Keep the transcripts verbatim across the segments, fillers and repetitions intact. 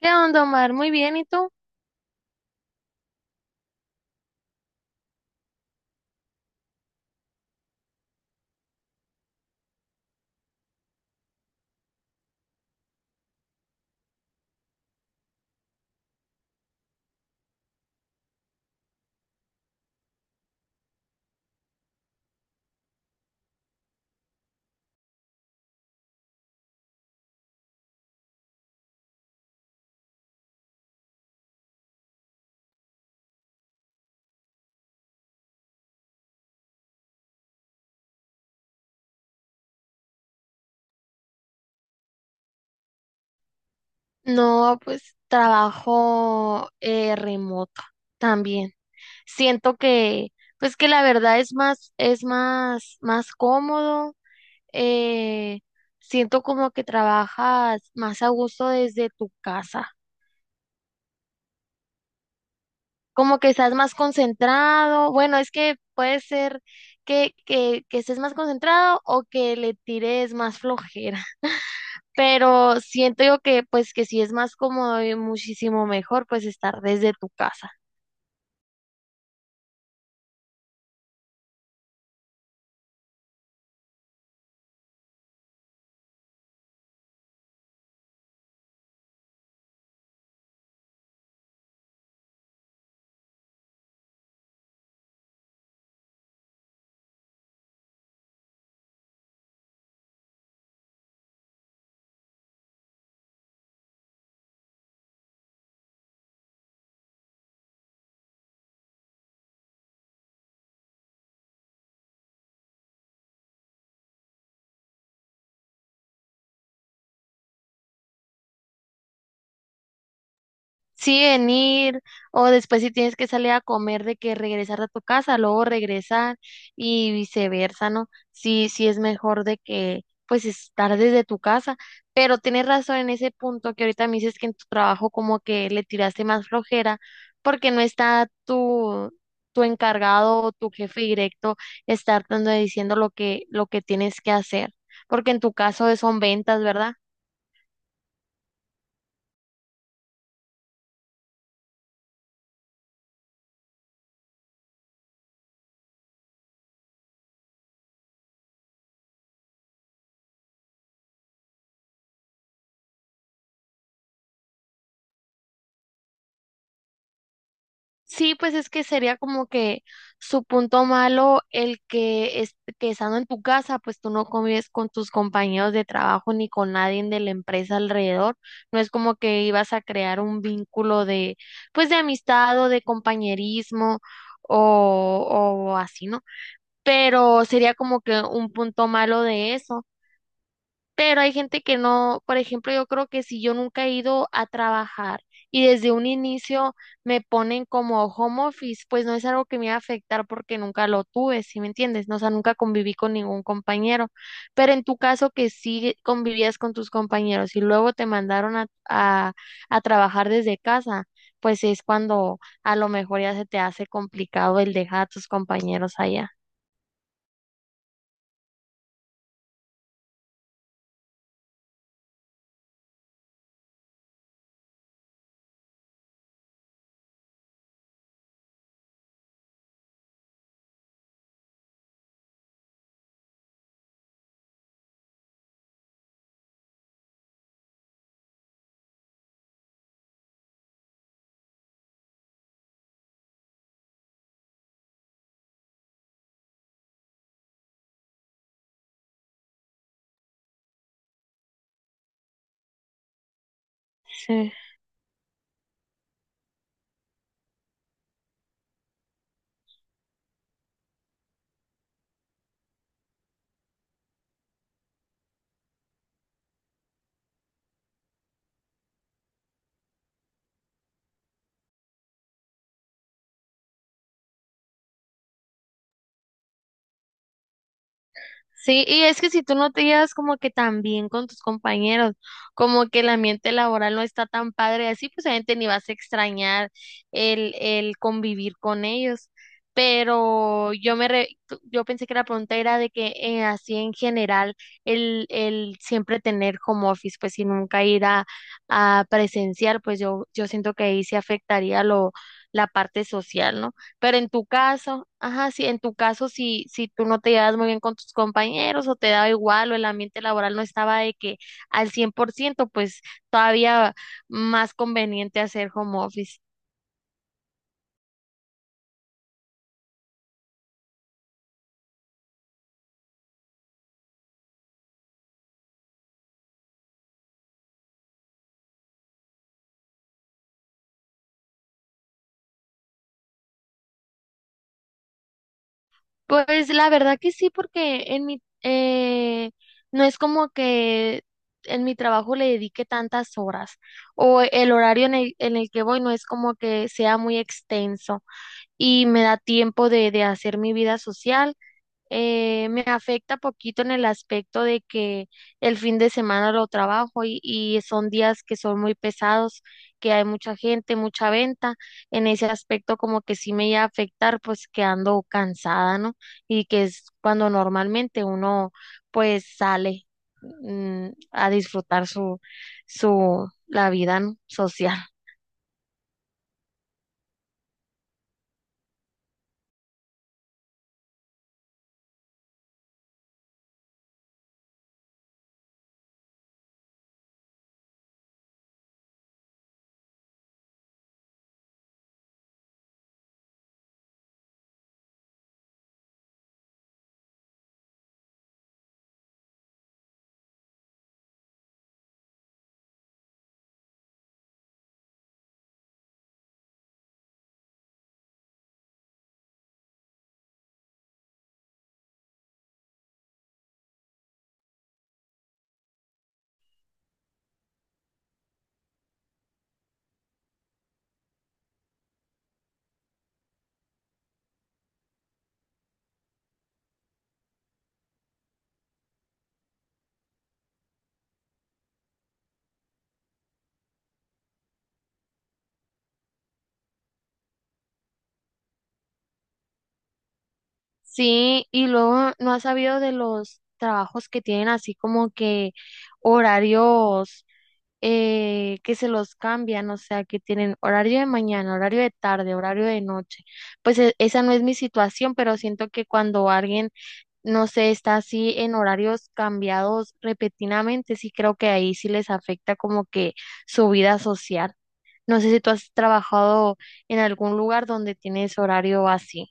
¿Qué onda, Omar? Muy bien, ¿y tú? No, pues trabajo eh, remoto también. Siento que, pues que la verdad es más, es más, más cómodo. eh, Siento como que trabajas más a gusto desde tu casa, como que estás más concentrado. Bueno, es que puede ser que, que, que estés más concentrado o que le tires más flojera. Pero siento yo que pues que sí es más cómodo y muchísimo mejor pues estar desde tu casa. Sí, venir, o después si tienes que salir a comer, de que regresar a tu casa, luego regresar y viceversa, ¿no? Sí, sí es mejor de que pues estar desde tu casa, pero tienes razón en ese punto que ahorita me dices que en tu trabajo como que le tiraste más flojera porque no está tu tu encargado o tu jefe directo estar dando diciendo lo que lo que tienes que hacer, porque en tu caso son ventas, ¿verdad? Sí, pues es que sería como que su punto malo el que, es, que estando en tu casa, pues tú no convives con tus compañeros de trabajo ni con nadie de la empresa alrededor. No es como que ibas a crear un vínculo de, pues de amistad o de compañerismo o, o así, ¿no? Pero sería como que un punto malo de eso. Pero hay gente que no, por ejemplo, yo creo que si yo nunca he ido a trabajar y desde un inicio me ponen como home office, pues no es algo que me va a afectar porque nunca lo tuve, ¿sí me entiendes? No, o sea, nunca conviví con ningún compañero. Pero en tu caso que sí convivías con tus compañeros y luego te mandaron a, a, a trabajar desde casa, pues es cuando a lo mejor ya se te hace complicado el dejar a tus compañeros allá. Sí. Sí, y es que si tú no te llevas como que tan bien con tus compañeros, como que el ambiente laboral no está tan padre, así pues obviamente ni vas a extrañar el, el convivir con ellos. Pero yo me re- yo pensé que la pregunta era de que eh, así en general el, el siempre tener home office, pues y nunca ir a, a presencial, pues yo, yo siento que ahí se afectaría lo, la parte social, ¿no? Pero en tu caso, ajá, sí, en tu caso, si, si tú no te llevas muy bien con tus compañeros o te da igual o el ambiente laboral no estaba de que al cien por ciento, pues todavía más conveniente hacer home office. Pues la verdad que sí, porque en mi, eh, no es como que en mi trabajo le dedique tantas horas o el horario en el, en el que voy no es como que sea muy extenso y me da tiempo de, de hacer mi vida social eh, me afecta poquito en el aspecto de que el fin de semana lo trabajo y, y son días que son muy pesados, que hay mucha gente, mucha venta. En ese aspecto como que sí me iba a afectar pues que ando cansada, ¿no? Y que es cuando normalmente uno pues sale mm, a disfrutar su, su, la vida, ¿no? social. Sí, y luego no has sabido de los trabajos que tienen así como que horarios eh, que se los cambian, o sea, que tienen horario de mañana, horario de tarde, horario de noche. Pues e- esa no es mi situación, pero siento que cuando alguien, no sé, está así en horarios cambiados repetidamente, sí creo que ahí sí les afecta como que su vida social. No sé si tú has trabajado en algún lugar donde tienes horario así.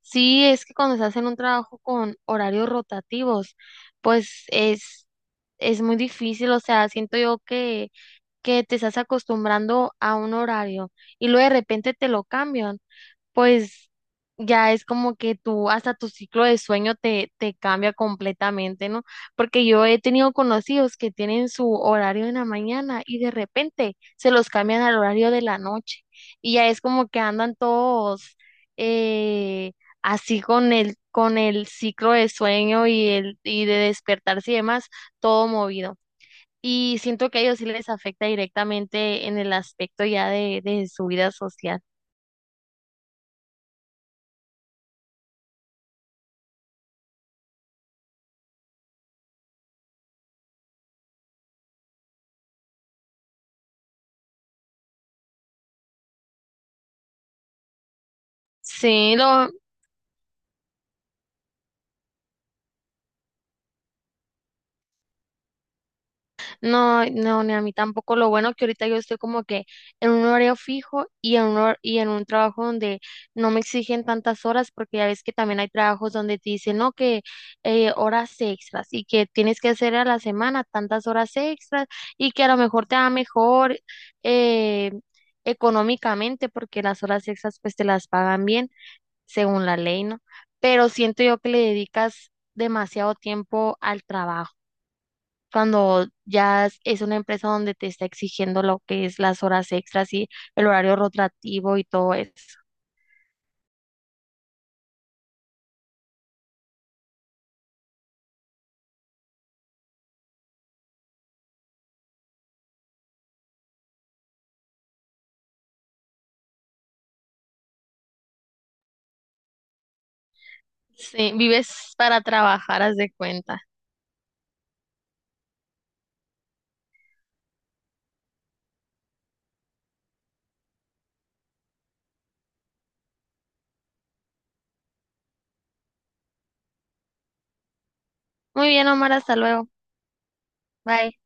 Sí, es que cuando estás en un trabajo con horarios rotativos, pues es, es muy difícil, o sea, siento yo que que te estás acostumbrando a un horario y luego de repente te lo cambian, pues ya es como que tú, hasta tu ciclo de sueño te, te cambia completamente, ¿no? Porque yo he tenido conocidos que tienen su horario en la mañana y de repente se los cambian al horario de la noche y ya es como que andan todos eh, así con el, con el ciclo de sueño y el, y de despertarse y demás, todo movido. Y siento que a ellos sí les afecta directamente en el aspecto ya de, de su vida social. Sí, lo, no, no, ni a mí tampoco. Lo bueno que ahorita yo estoy como que en un horario fijo y en un, hor- y en un trabajo donde no me exigen tantas horas, porque ya ves que también hay trabajos donde te dicen, no, que eh, horas extras y que tienes que hacer a la semana tantas horas extras y que a lo mejor te va mejor eh, económicamente porque las horas extras pues te las pagan bien según la ley, ¿no? Pero siento yo que le dedicas demasiado tiempo al trabajo. Cuando ya es es una empresa donde te está exigiendo lo que es las horas extras y el horario rotativo y todo eso. Sí, vives para trabajar, haz de cuenta. Muy bien, Omar, hasta luego. Bye.